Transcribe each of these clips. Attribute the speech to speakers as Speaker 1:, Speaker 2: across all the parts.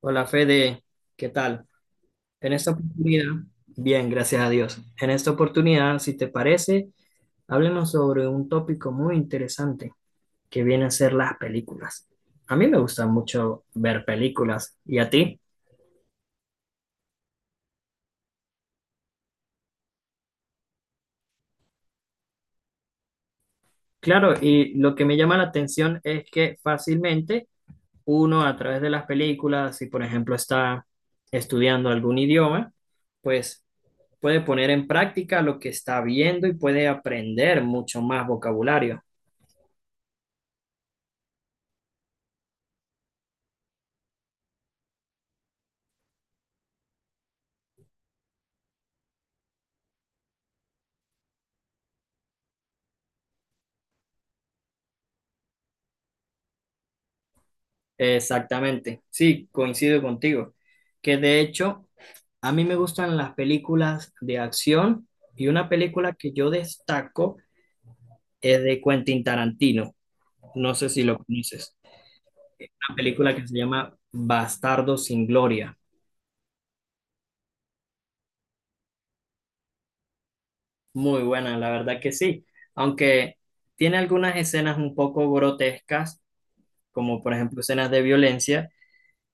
Speaker 1: Hola Fede, ¿qué tal? En esta oportunidad, bien, gracias a Dios. En esta oportunidad, si te parece, háblenos sobre un tópico muy interesante que viene a ser las películas. A mí me gusta mucho ver películas, ¿y a ti? Claro, y lo que me llama la atención es que fácilmente uno a través de las películas, si por ejemplo está estudiando algún idioma, pues puede poner en práctica lo que está viendo y puede aprender mucho más vocabulario. Exactamente, sí, coincido contigo. Que de hecho, a mí me gustan las películas de acción y una película que yo destaco es de Quentin Tarantino. No sé si lo conoces. Una película que se llama Bastardo sin Gloria. Muy buena, la verdad que sí. Aunque tiene algunas escenas un poco grotescas, como por ejemplo escenas de violencia,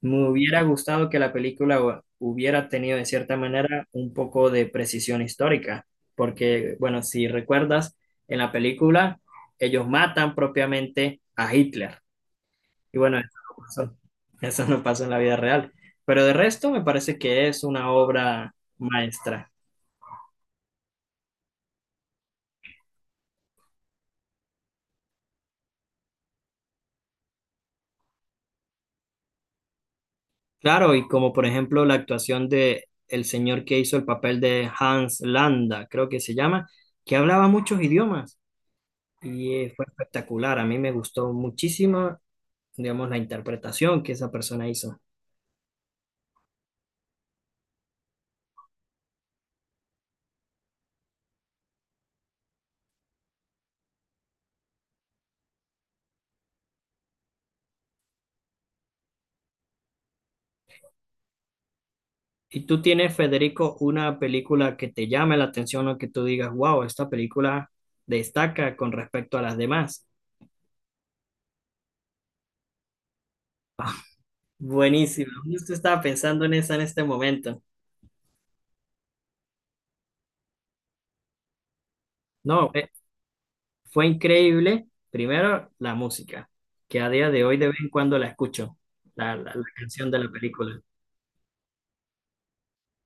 Speaker 1: me hubiera gustado que la película hubiera tenido de cierta manera un poco de precisión histórica, porque, bueno, si recuerdas, en la película ellos matan propiamente a Hitler. Y bueno, eso no pasó, eso no pasó en la vida real. Pero de resto me parece que es una obra maestra. Claro, y como por ejemplo la actuación de el señor que hizo el papel de Hans Landa, creo que se llama, que hablaba muchos idiomas. Y fue espectacular, a mí me gustó muchísimo, digamos, la interpretación que esa persona hizo. ¿Y tú tienes, Federico, una película que te llame la atención o que tú digas, wow, esta película destaca con respecto a las demás? Ah, buenísimo, justo estaba pensando en esa en este momento. No, fue increíble, primero, la música, que a día de hoy de vez en cuando la escucho, la canción de la película.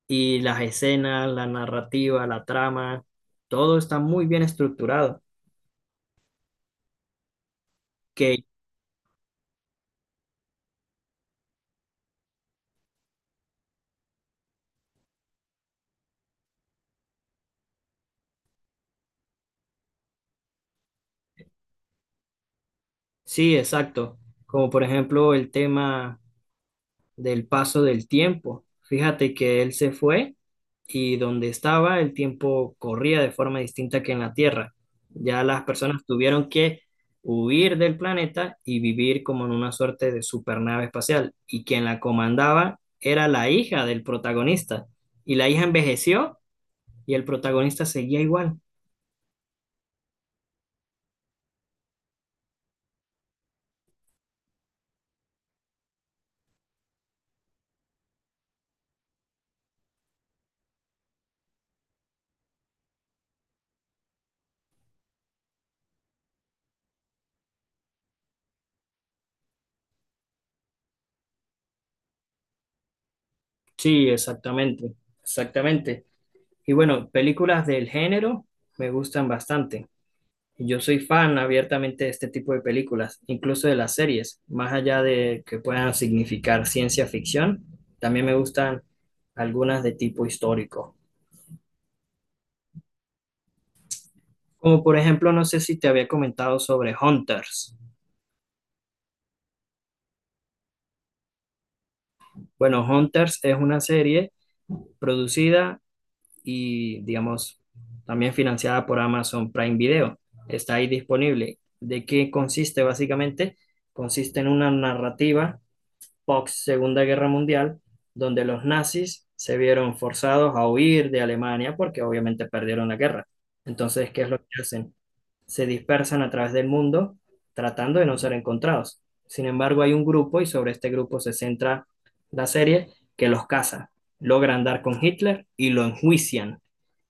Speaker 1: Y las escenas, la narrativa, la trama, todo está muy bien estructurado. Que sí, exacto. Como por ejemplo el tema del paso del tiempo. Fíjate que él se fue y donde estaba el tiempo corría de forma distinta que en la Tierra. Ya las personas tuvieron que huir del planeta y vivir como en una suerte de supernave espacial. Y quien la comandaba era la hija del protagonista. Y la hija envejeció y el protagonista seguía igual. Sí, exactamente, exactamente. Y bueno, películas del género me gustan bastante. Yo soy fan abiertamente de este tipo de películas, incluso de las series, más allá de que puedan significar ciencia ficción, también me gustan algunas de tipo histórico. Como por ejemplo, no sé si te había comentado sobre Hunters. Bueno, Hunters es una serie producida y, digamos, también financiada por Amazon Prime Video. Está ahí disponible. ¿De qué consiste básicamente? Consiste en una narrativa post Segunda Guerra Mundial, donde los nazis se vieron forzados a huir de Alemania porque obviamente perdieron la guerra. Entonces, ¿qué es lo que hacen? Se dispersan a través del mundo tratando de no ser encontrados. Sin embargo, hay un grupo y sobre este grupo se centra la serie que los caza, logran dar con Hitler y lo enjuician.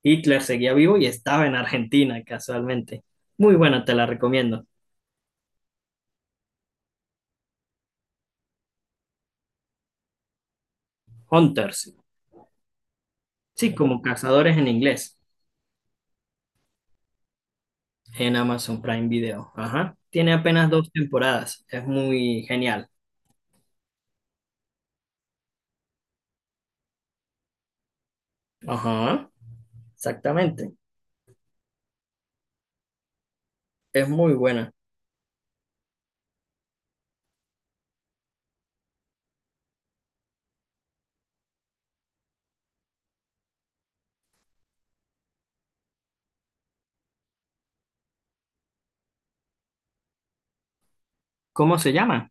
Speaker 1: Hitler seguía vivo y estaba en Argentina casualmente. Muy buena, te la recomiendo. Hunters, sí, como cazadores en inglés, en Amazon Prime Video. Ajá. Tiene apenas dos temporadas, es muy genial. Ajá, exactamente, es muy buena. ¿Cómo se llama?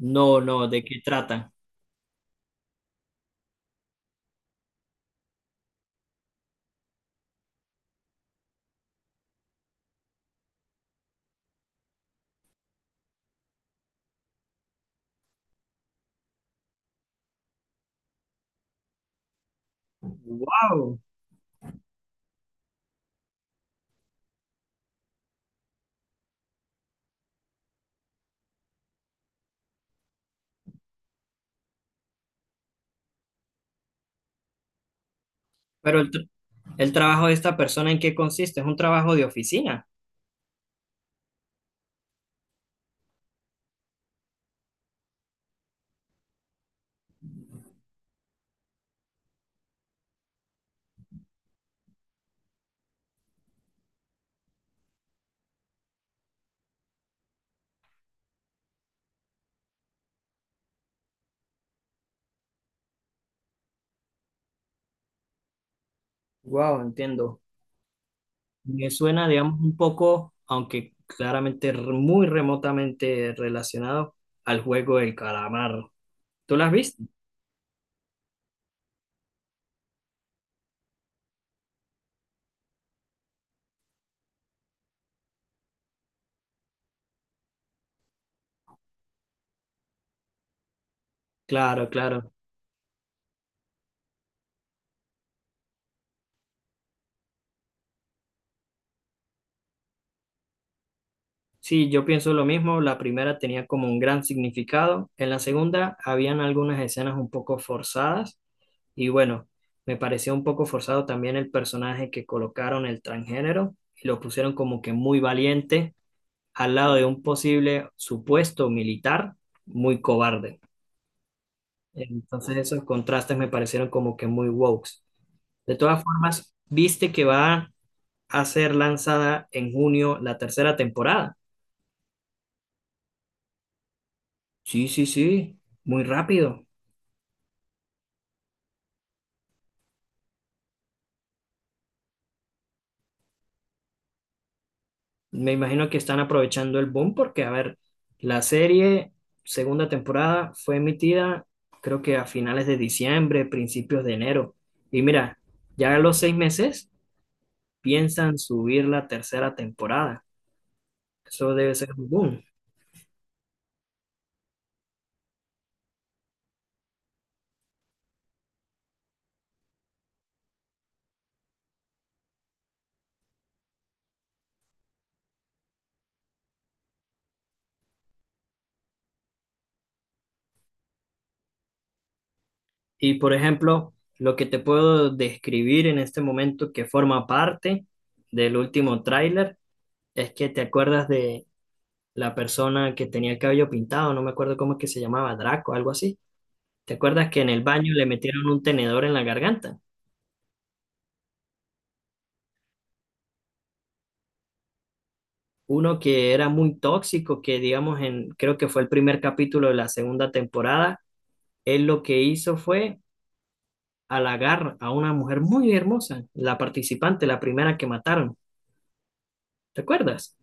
Speaker 1: No, no, ¿de qué trata? Wow. Pero el trabajo de esta persona, ¿en qué consiste? Es un trabajo de oficina. Wow, entiendo. Me suena, digamos, un poco, aunque claramente muy remotamente relacionado al juego del calamar. ¿Tú las viste? Claro, claro. Sí, yo pienso lo mismo. La primera tenía como un gran significado. En la segunda habían algunas escenas un poco forzadas. Y bueno, me pareció un poco forzado también el personaje que colocaron el transgénero y lo pusieron como que muy valiente al lado de un posible supuesto militar muy cobarde. Entonces esos contrastes me parecieron como que muy woke. De todas formas, ¿viste que va a ser lanzada en junio la tercera temporada? Sí, sí, sí, muy rápido. Me imagino que están aprovechando el boom porque, a ver, la serie segunda temporada fue emitida creo que a finales de diciembre, principios de enero. Y mira, ya a los 6 meses piensan subir la tercera temporada. Eso debe ser un boom. Y por ejemplo, lo que te puedo describir en este momento que forma parte del último tráiler es que te acuerdas de la persona que tenía el cabello pintado, no me acuerdo cómo es que se llamaba, Draco, algo así. ¿Te acuerdas que en el baño le metieron un tenedor en la garganta? Uno que era muy tóxico, que digamos en, creo que fue el primer capítulo de la segunda temporada, él lo que hizo fue halagar a una mujer muy hermosa, la participante, la primera que mataron. ¿Te acuerdas?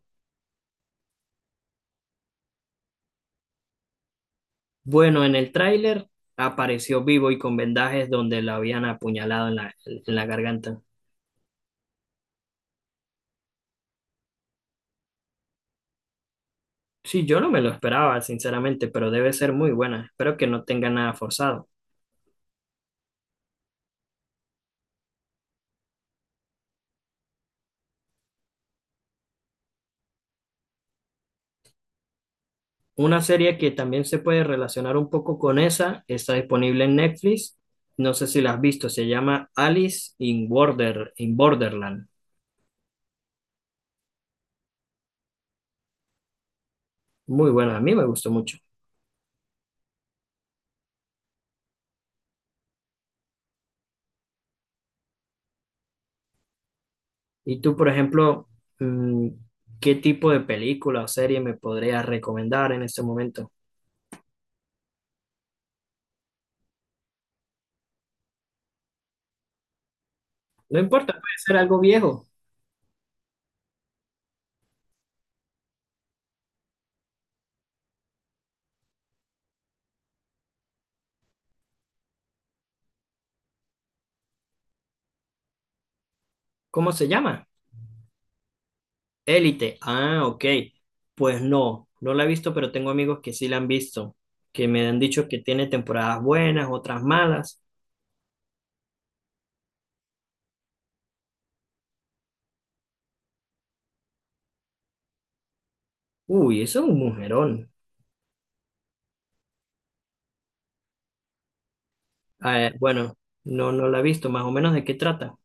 Speaker 1: Bueno, en el tráiler apareció vivo y con vendajes donde lo habían apuñalado en en la garganta. Sí, yo no me lo esperaba, sinceramente, pero debe ser muy buena. Espero que no tenga nada forzado. Una serie que también se puede relacionar un poco con esa, está disponible en Netflix. No sé si la has visto, se llama Alice in Border, in Borderland. Muy buena, a mí me gustó mucho. Y tú, por ejemplo, mm, ¿qué tipo de película o serie me podrías recomendar en este momento? No importa, puede ser algo viejo. ¿Cómo se llama? Élite. Ah, ok. Pues no, no la he visto, pero tengo amigos que sí la han visto, que me han dicho que tiene temporadas buenas, otras malas. Uy, eso es un mujerón. Ah, bueno, no, no la he visto, más o menos de qué trata.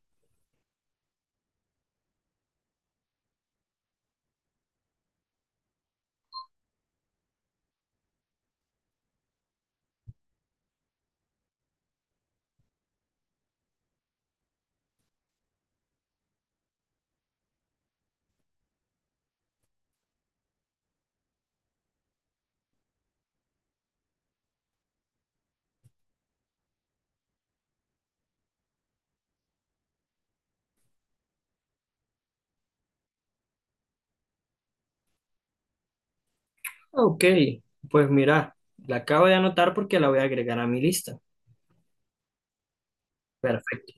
Speaker 1: Ok, pues mira, la acabo de anotar porque la voy a agregar a mi lista. Perfecto.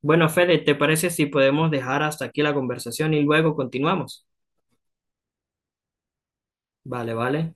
Speaker 1: Bueno, Fede, ¿te parece si podemos dejar hasta aquí la conversación y luego continuamos? Vale, vale.